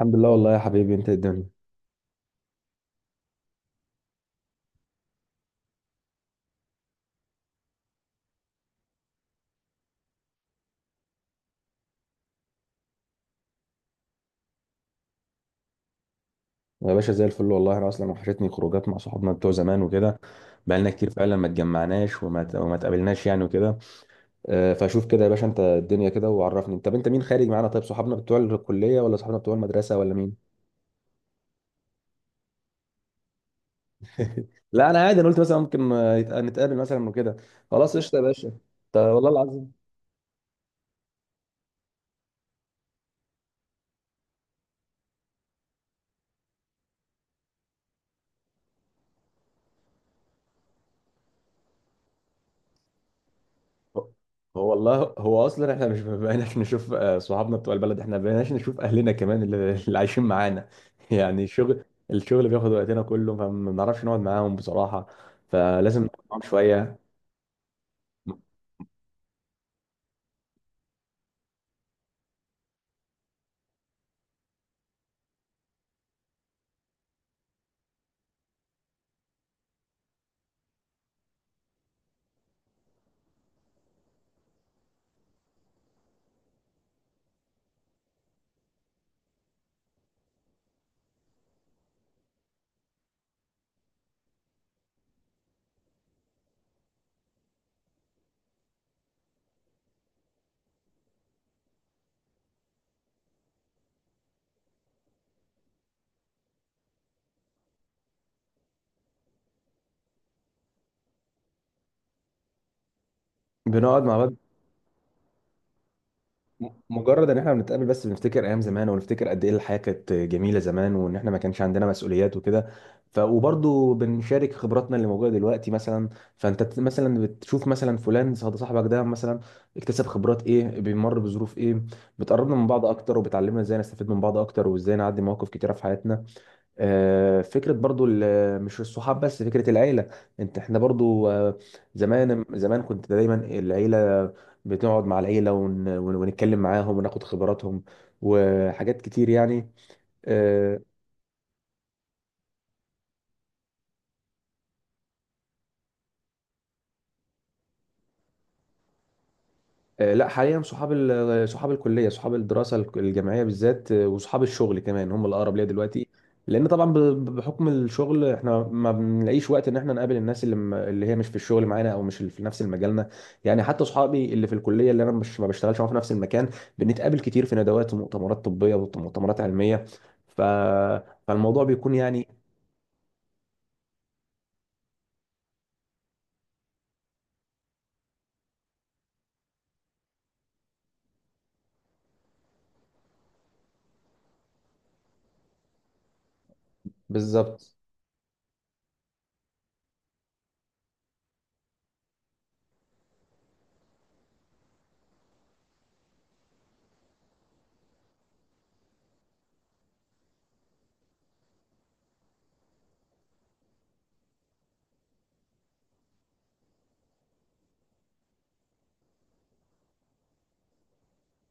الحمد لله والله يا حبيبي، انت إيه الدنيا؟ يا باشا، زي الفل والله. انا اصلا وحشتني خروجات مع صحابنا بتوع زمان وكده. بقالنا كتير فعلا ما اتجمعناش، وما اتقابلناش يعني وكده. فشوف كده يا باشا انت الدنيا كده وعرفني. طب انت مين خارج معانا؟ طيب، صحابنا بتوع الكليه ولا صحابنا بتوع المدرسه ولا مين؟ لا انا عادي، انا قلت مثلا ممكن نتقابل مثلا وكده. خلاص قشطه يا باشا. طب والله العظيم. هو هو والله، هو اصلا احنا مش بقيناش نشوف صحابنا بتوع البلد، احنا بقيناش نشوف اهلنا كمان اللي عايشين معانا يعني الشغل. الشغل بياخد وقتنا كله فما بنعرفش نقعد معاهم بصراحة. فلازم نقعد معاهم شوية. بنقعد مع بعض. مجرد ان احنا بنتقابل بس بنفتكر ايام زمان ونفتكر قد ايه الحياه كانت جميله زمان، وان احنا ما كانش عندنا مسؤوليات وكده. ف وبرضه بنشارك خبراتنا اللي موجوده دلوقتي مثلا. فانت مثلا بتشوف مثلا فلان صاحبك ده مثلا اكتسب خبرات ايه، بيمر بظروف ايه. بتقربنا من بعض اكتر وبتعلمنا ازاي نستفيد من بعض اكتر وازاي نعدي مواقف كتيره في حياتنا. فكرة برضو مش الصحاب بس، فكرة العيلة. انت احنا برضو زمان زمان كنت دايما العيلة بتقعد مع العيلة ونتكلم معاهم وناخد خبراتهم وحاجات كتير يعني. آه، لا حاليا صحاب صحاب الكليه، صحاب الدراسه الجامعيه بالذات وصحاب الشغل كمان هم الاقرب ليا دلوقتي. لان طبعا بحكم الشغل احنا ما بنلاقيش وقت ان احنا نقابل الناس اللي هي مش في الشغل معانا او مش في نفس المجالنا. يعني حتى صحابي اللي في الكليه اللي انا مش ما بشتغلش معاهم في نفس المكان، بنتقابل كتير في ندوات ومؤتمرات طبيه ومؤتمرات علميه. ف... فالموضوع بيكون يعني بالظبط.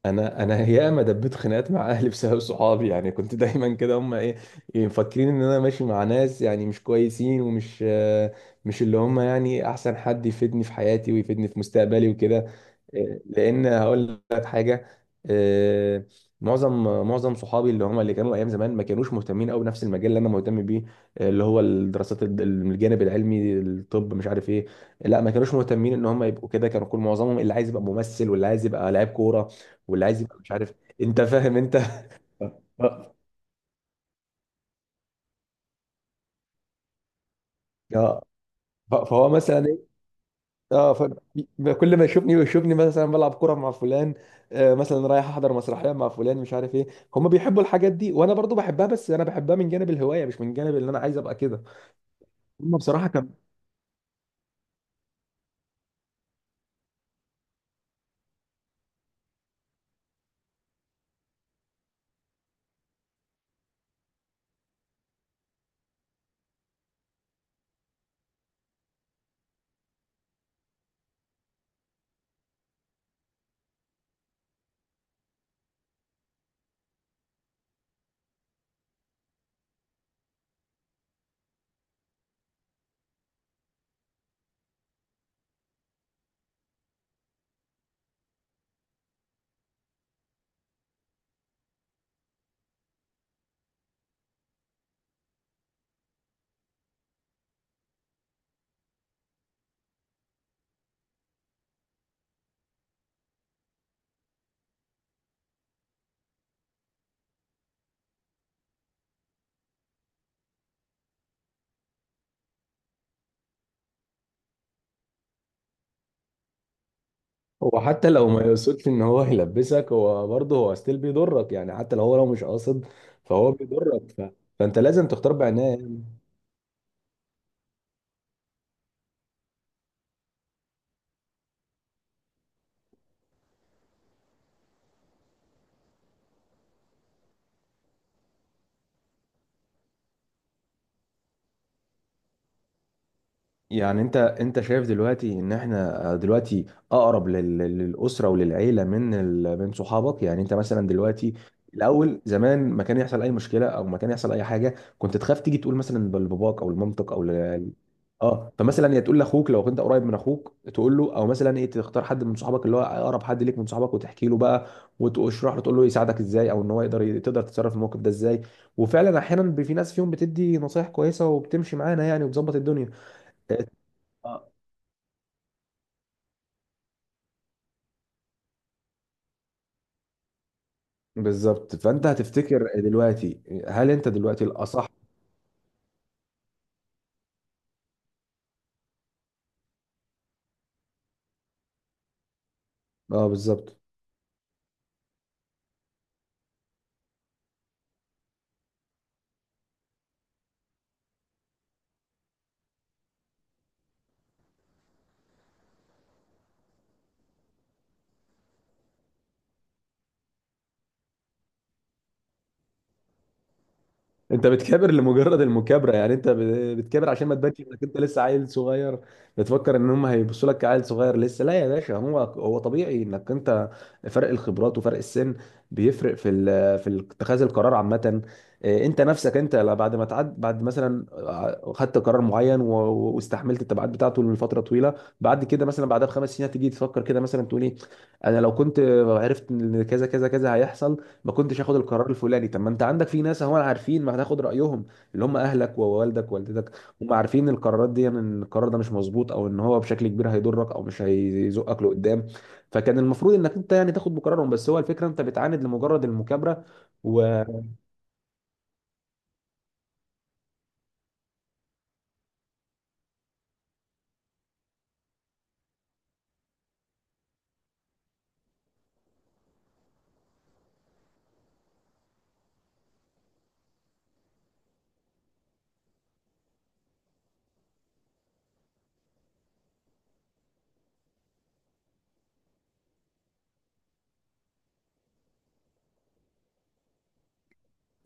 انا انا ياما دبيت خناقات مع اهلي بسبب صحابي. يعني كنت دايما كده، هم ايه مفكرين ان انا ماشي مع ناس يعني مش كويسين ومش مش اللي هم يعني احسن حد يفيدني في حياتي ويفيدني في مستقبلي وكده. لان هقول لك حاجه. آه، معظم معظم صحابي اللي هم اللي كانوا ايام زمان ما كانوش مهتمين قوي بنفس المجال اللي انا مهتم بيه. اللي هو الدراسات الجانب العلمي، الطب مش عارف ايه. لا ما كانوش مهتمين ان هم يبقوا كده. كانوا كل معظمهم اللي عايز يبقى ممثل واللي عايز يبقى لاعب كوره واللي عايز يبقى مش عارف إيه. انت فاهم انت. آه، اه فهو مثلا. اه كل ما يشوفني ويشوفني مثلا بلعب كرة مع فلان، مثلا رايح احضر مسرحية مع فلان مش عارف ايه. هم بيحبوا الحاجات دي وانا برضو بحبها، بس انا بحبها من جانب الهواية مش من جانب اللي انا عايز ابقى كده. هم بصراحة كان. هو حتى لو ما يقصدش ان هو يلبسك، هو برضه هو ستيل بيضرك يعني، حتى لو هو لو مش قاصد. فهو بيضرك. فانت لازم تختار بعناية. يعني انت انت شايف دلوقتي ان احنا دلوقتي اقرب للاسره وللعيله من من صحابك؟ يعني انت مثلا دلوقتي الاول زمان ما كان يحصل اي مشكله او ما كان يحصل اي حاجه كنت تخاف تيجي تقول مثلا لباباك او لمامتك او. اه، فمثلا يا تقول لاخوك لو كنت قريب من اخوك تقول له، او مثلا ايه، تختار حد من صحابك اللي هو اقرب حد ليك من صحابك وتحكي له بقى وتشرح له تقول له يساعدك ازاي، او ان هو يقدر تقدر تتصرف في الموقف ده ازاي. وفعلا احيانا في ناس فيهم بتدي نصايح كويسه وبتمشي معانا يعني وبتظبط الدنيا. اه بالظبط. فانت هتفتكر دلوقتي هل انت دلوقتي الاصح؟ اه بالظبط. انت بتكابر لمجرد المكابره يعني. انت بتكابر عشان ما تبانش انك انت لسه عيل صغير. بتفكر ان هم هيبصوا لك كعيل صغير لسه. لا يا باشا، هو هو طبيعي انك انت، فرق الخبرات وفرق السن بيفرق في في اتخاذ القرار عامه. إيه، انت نفسك انت بعد ما تعد، بعد مثلا خدت قرار معين واستحملت التبعات بتاعته لفتره طويله، بعد كده مثلا بعدها ب5 سنين هتيجي تفكر كده مثلا تقول ايه: انا لو كنت عرفت ان كذا كذا كذا هيحصل، ما كنتش هاخد القرار الفلاني. طب ما انت عندك في ناس هم عارفين، ما هتاخد رايهم، اللي هم اهلك ووالدك ووالدتك. هم عارفين القرارات دي، يعني ان القرار ده مش مظبوط او ان هو بشكل كبير هيضرك او مش هيزقك لقدام. فكان المفروض انك انت يعني تاخد بقرارهم. بس هو الفكره انت بتعاند لمجرد المكابره. و...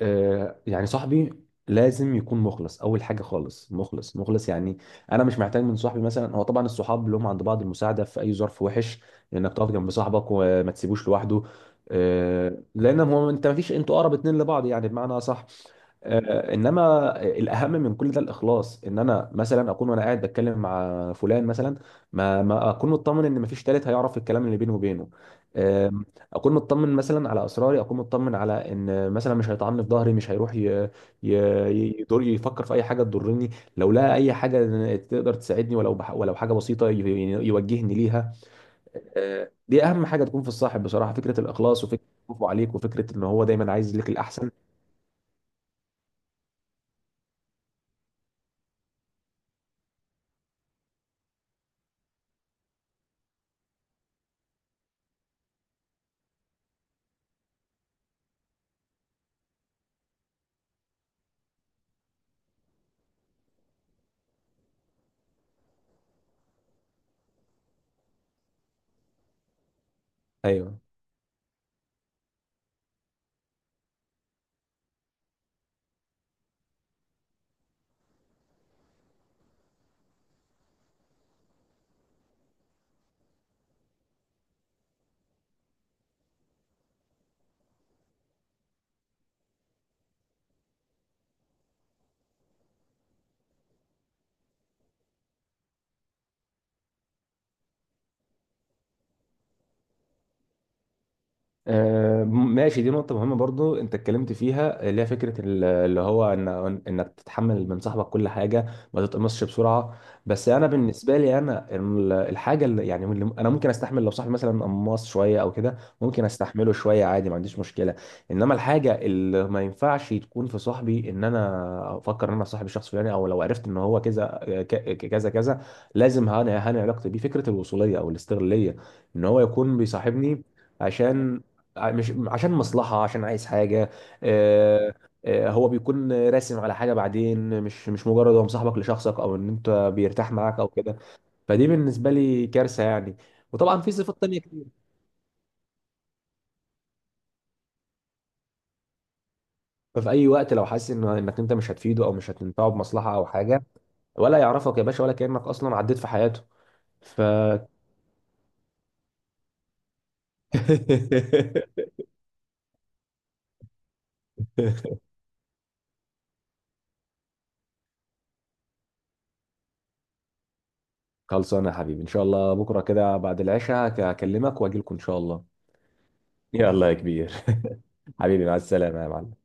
آه، يعني صاحبي لازم يكون مخلص اول حاجه. خالص مخلص مخلص يعني. انا مش محتاج من صاحبي مثلا، هو طبعا الصحاب لهم عند بعض المساعده في اي ظرف وحش، انك تقف جنب صاحبك وما تسيبوش لوحده. لان هو انت ما فيش انتوا اقرب اتنين لبعض يعني، بمعنى صح. انما الاهم من كل ده الاخلاص. ان انا مثلا اكون وانا قاعد بتكلم مع فلان مثلا، ما اكون مطمن ان مفيش تالت هيعرف الكلام اللي بيني وبينه. آه، اكون مطمن مثلا على اسراري، اكون مطمن على ان مثلا مش هيطعني في ظهري، مش هيروح ي... يدور يفكر في اي حاجه تضرني. لو لقى اي حاجه تقدر تساعدني ولو ولو حاجه بسيطه يعني يوجهني ليها. دي اهم حاجه تكون في الصاحب بصراحه، فكره الاخلاص وفكره خوفه عليك وفكره ان هو دايما عايز لك الاحسن. ايوه. ماشي، دي نقطة مهمة برضو انت اتكلمت فيها، اللي هي فكرة اللي هو ان انك تتحمل من صاحبك كل حاجة، ما تتقمصش بسرعة. بس انا بالنسبة لي انا الحاجة اللي يعني اللي انا ممكن استحمل لو صاحبي مثلا قماص شوية او كده ممكن استحمله شوية عادي، ما عنديش مشكلة. انما الحاجة اللي ما ينفعش تكون في صاحبي، ان انا افكر ان انا صاحب الشخص الفلاني او لو عرفت ان هو كذا كذا كذا، لازم هاني علاقتي بيه. فكرة الوصولية او الاستغلالية، ان هو يكون بيصاحبني عشان، مش عشان مصلحة، عشان عايز حاجة. آه، هو بيكون راسم على حاجة بعدين، مش مجرد هو مصاحبك لشخصك او ان انت بيرتاح معاك او كده. فدي بالنسبة لي كارثة يعني. وطبعا في صفات تانية كتير. ففي اي وقت لو حاسس ان انك انت مش هتفيده او مش هتنفعه بمصلحة او حاجة، ولا يعرفك يا باشا ولا كأنك اصلا عديت في حياته. ف خلصانة يا حبيبي ان شاء الله. بكرة كده بعد العشاء هكلمك واجي لكم ان شاء الله. يلا يا كبير. حبيبي مع السلامة يا معلم.